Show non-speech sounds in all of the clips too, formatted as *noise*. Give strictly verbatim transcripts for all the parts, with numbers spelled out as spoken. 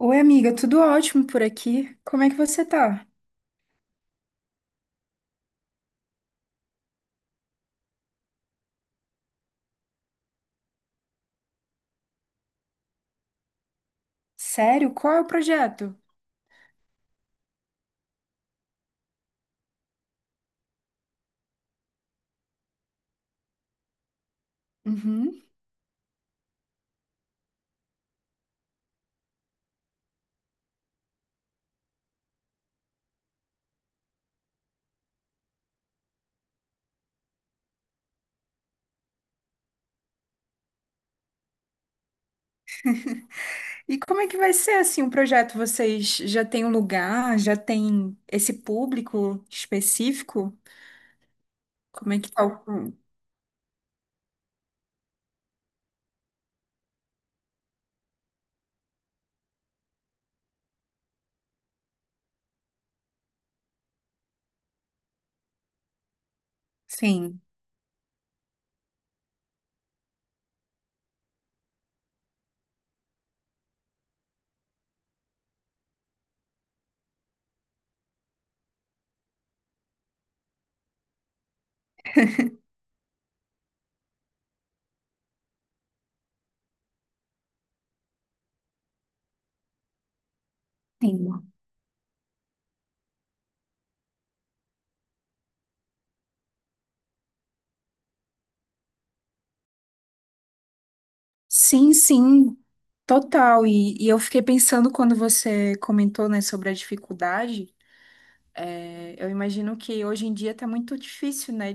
Oi, amiga, tudo ótimo por aqui. Como é que você tá? Sério? Qual é o projeto? Uhum. E como é que vai ser assim o projeto? Vocês já têm um lugar? Já tem esse público específico? Como é que tá o... Sim. Sim, sim, sim, total. E, e eu fiquei pensando quando você comentou, né, sobre a dificuldade. é, eu imagino que hoje em dia tá muito difícil, né,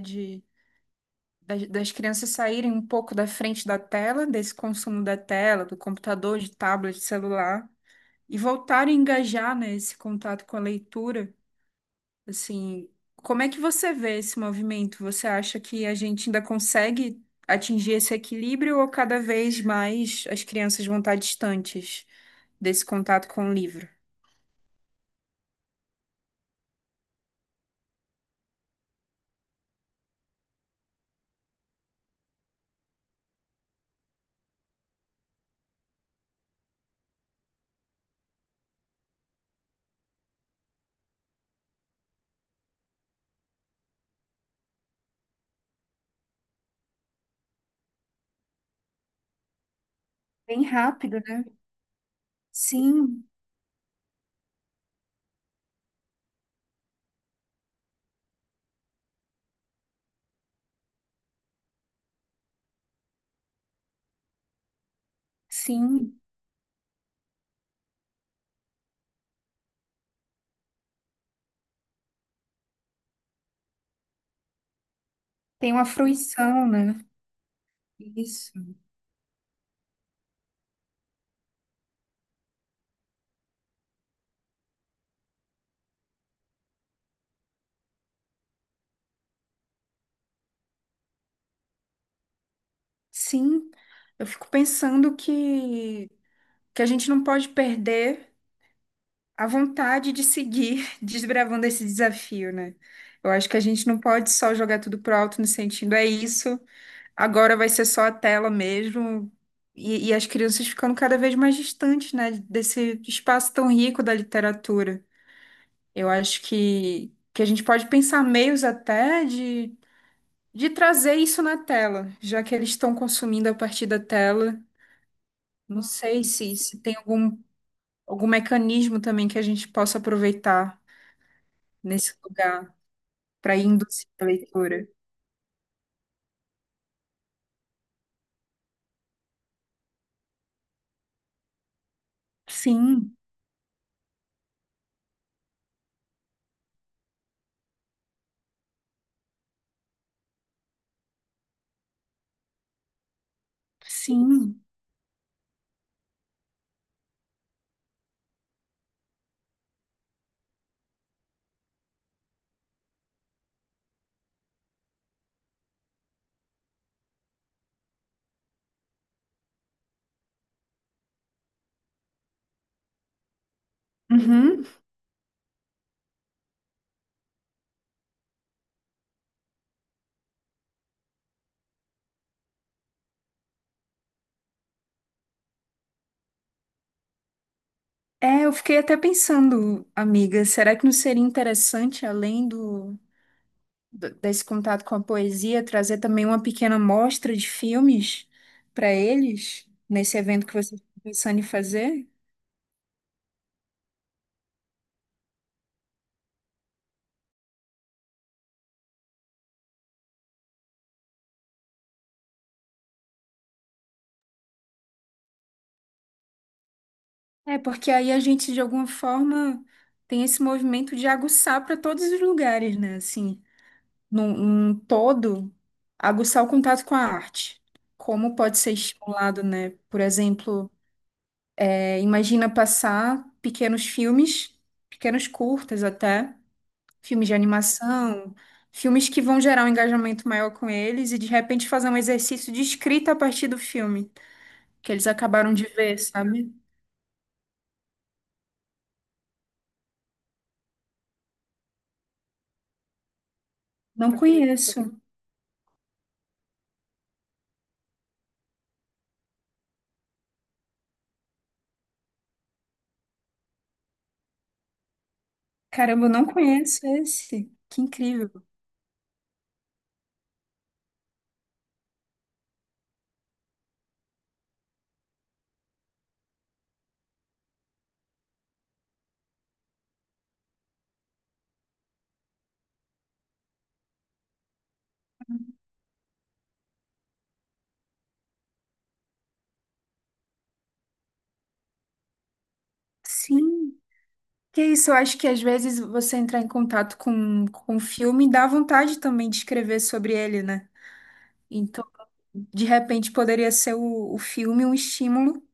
das, das crianças saírem um pouco da frente da tela, desse consumo da tela, do computador, de tablet, de celular, e voltarem a engajar, né, esse contato com a leitura. Assim, como é que você vê esse movimento? Você acha que a gente ainda consegue atingir esse equilíbrio ou cada vez mais as crianças vão estar distantes desse contato com o livro? Bem rápido, né? Sim, sim. Tem uma fruição, né? Isso. Sim, eu fico pensando que, que a gente não pode perder a vontade de seguir *laughs* desbravando esse desafio, né? Eu acho que a gente não pode só jogar tudo pro alto no sentido, é isso, agora vai ser só a tela mesmo. E, e as crianças ficando cada vez mais distantes, né, desse espaço tão rico da literatura. Eu acho que, que a gente pode pensar meios até de, de trazer isso na tela, já que eles estão consumindo a partir da tela. Não sei se, se tem algum, algum mecanismo também que a gente possa aproveitar nesse lugar para induzir a leitura. Sim, sim. Uhum. É, eu fiquei até pensando, amiga, será que não seria interessante, além do, do- desse contato com a poesia, trazer também uma pequena mostra de filmes para eles, nesse evento que você está pensando em fazer? É, porque aí a gente, de alguma forma, tem esse movimento de aguçar para todos os lugares, né? Assim. Num, num todo, aguçar o contato com a arte. Como pode ser estimulado, né? Por exemplo, é, imagina passar pequenos filmes, pequenos curtas até, filmes de animação, filmes que vão gerar um engajamento maior com eles e de repente fazer um exercício de escrita a partir do filme que eles acabaram de ver, sabe? Não conheço. Caramba, eu não conheço esse. Que incrível. Sim. Que isso, eu acho que às vezes você entrar em contato com, com um filme dá vontade também de escrever sobre ele, né? Então, de repente, poderia ser o, o filme um estímulo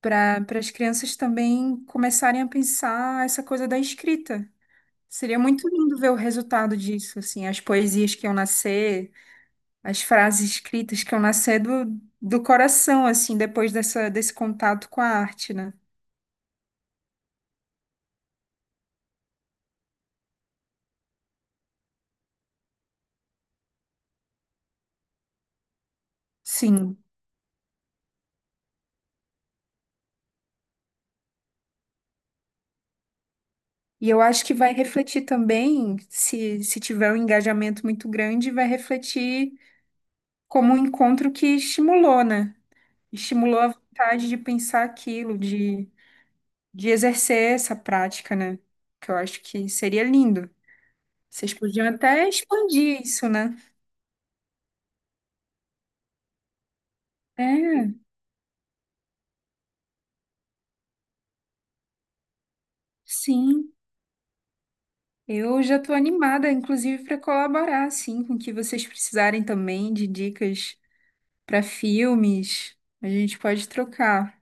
para para as crianças também começarem a pensar essa coisa da escrita. Seria muito lindo ver o resultado disso, assim, as poesias que iam nascer, as frases escritas que iam nascer do, do coração, assim, depois dessa, desse contato com a arte, né? Sim. E eu acho que vai refletir também, se, se tiver um engajamento muito grande, vai refletir como um encontro que estimulou, né? Estimulou a vontade de pensar aquilo, de, de exercer essa prática, né? Que eu acho que seria lindo. Vocês podiam até expandir isso, né? É, sim. Eu já estou animada, inclusive, para colaborar, assim, com o que vocês precisarem também de dicas para filmes. A gente pode trocar.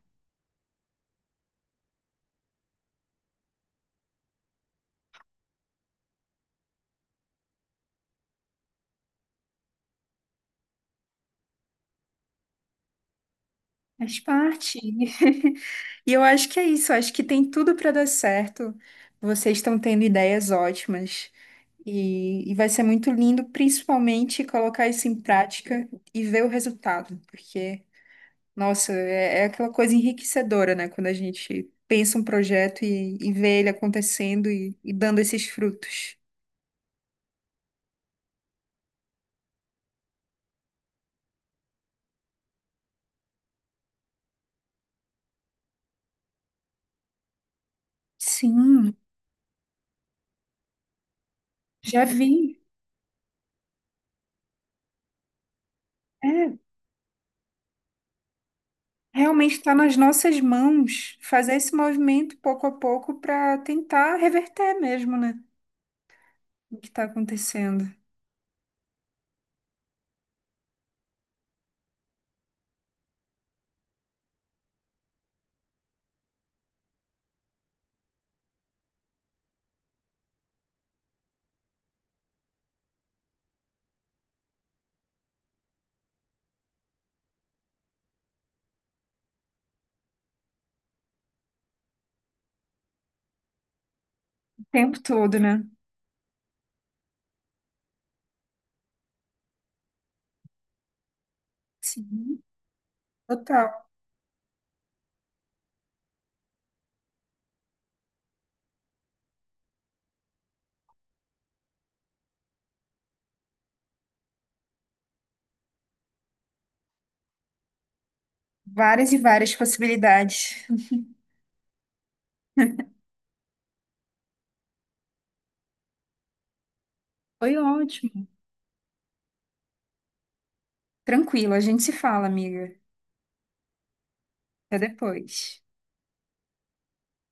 Faz parte. *laughs* E eu acho que é isso, eu acho que tem tudo para dar certo. Vocês estão tendo ideias ótimas e, e vai ser muito lindo, principalmente colocar isso em prática e ver o resultado, porque, nossa, é, é aquela coisa enriquecedora, né? Quando a gente pensa um projeto e, e vê ele acontecendo e, e dando esses frutos. Sim, já vi. É, realmente está nas nossas mãos fazer esse movimento pouco a pouco para tentar reverter mesmo, né? O que está acontecendo o tempo todo, né? Sim, total. Várias e várias possibilidades. Foi ótimo. Tranquilo, a gente se fala, amiga. Até depois.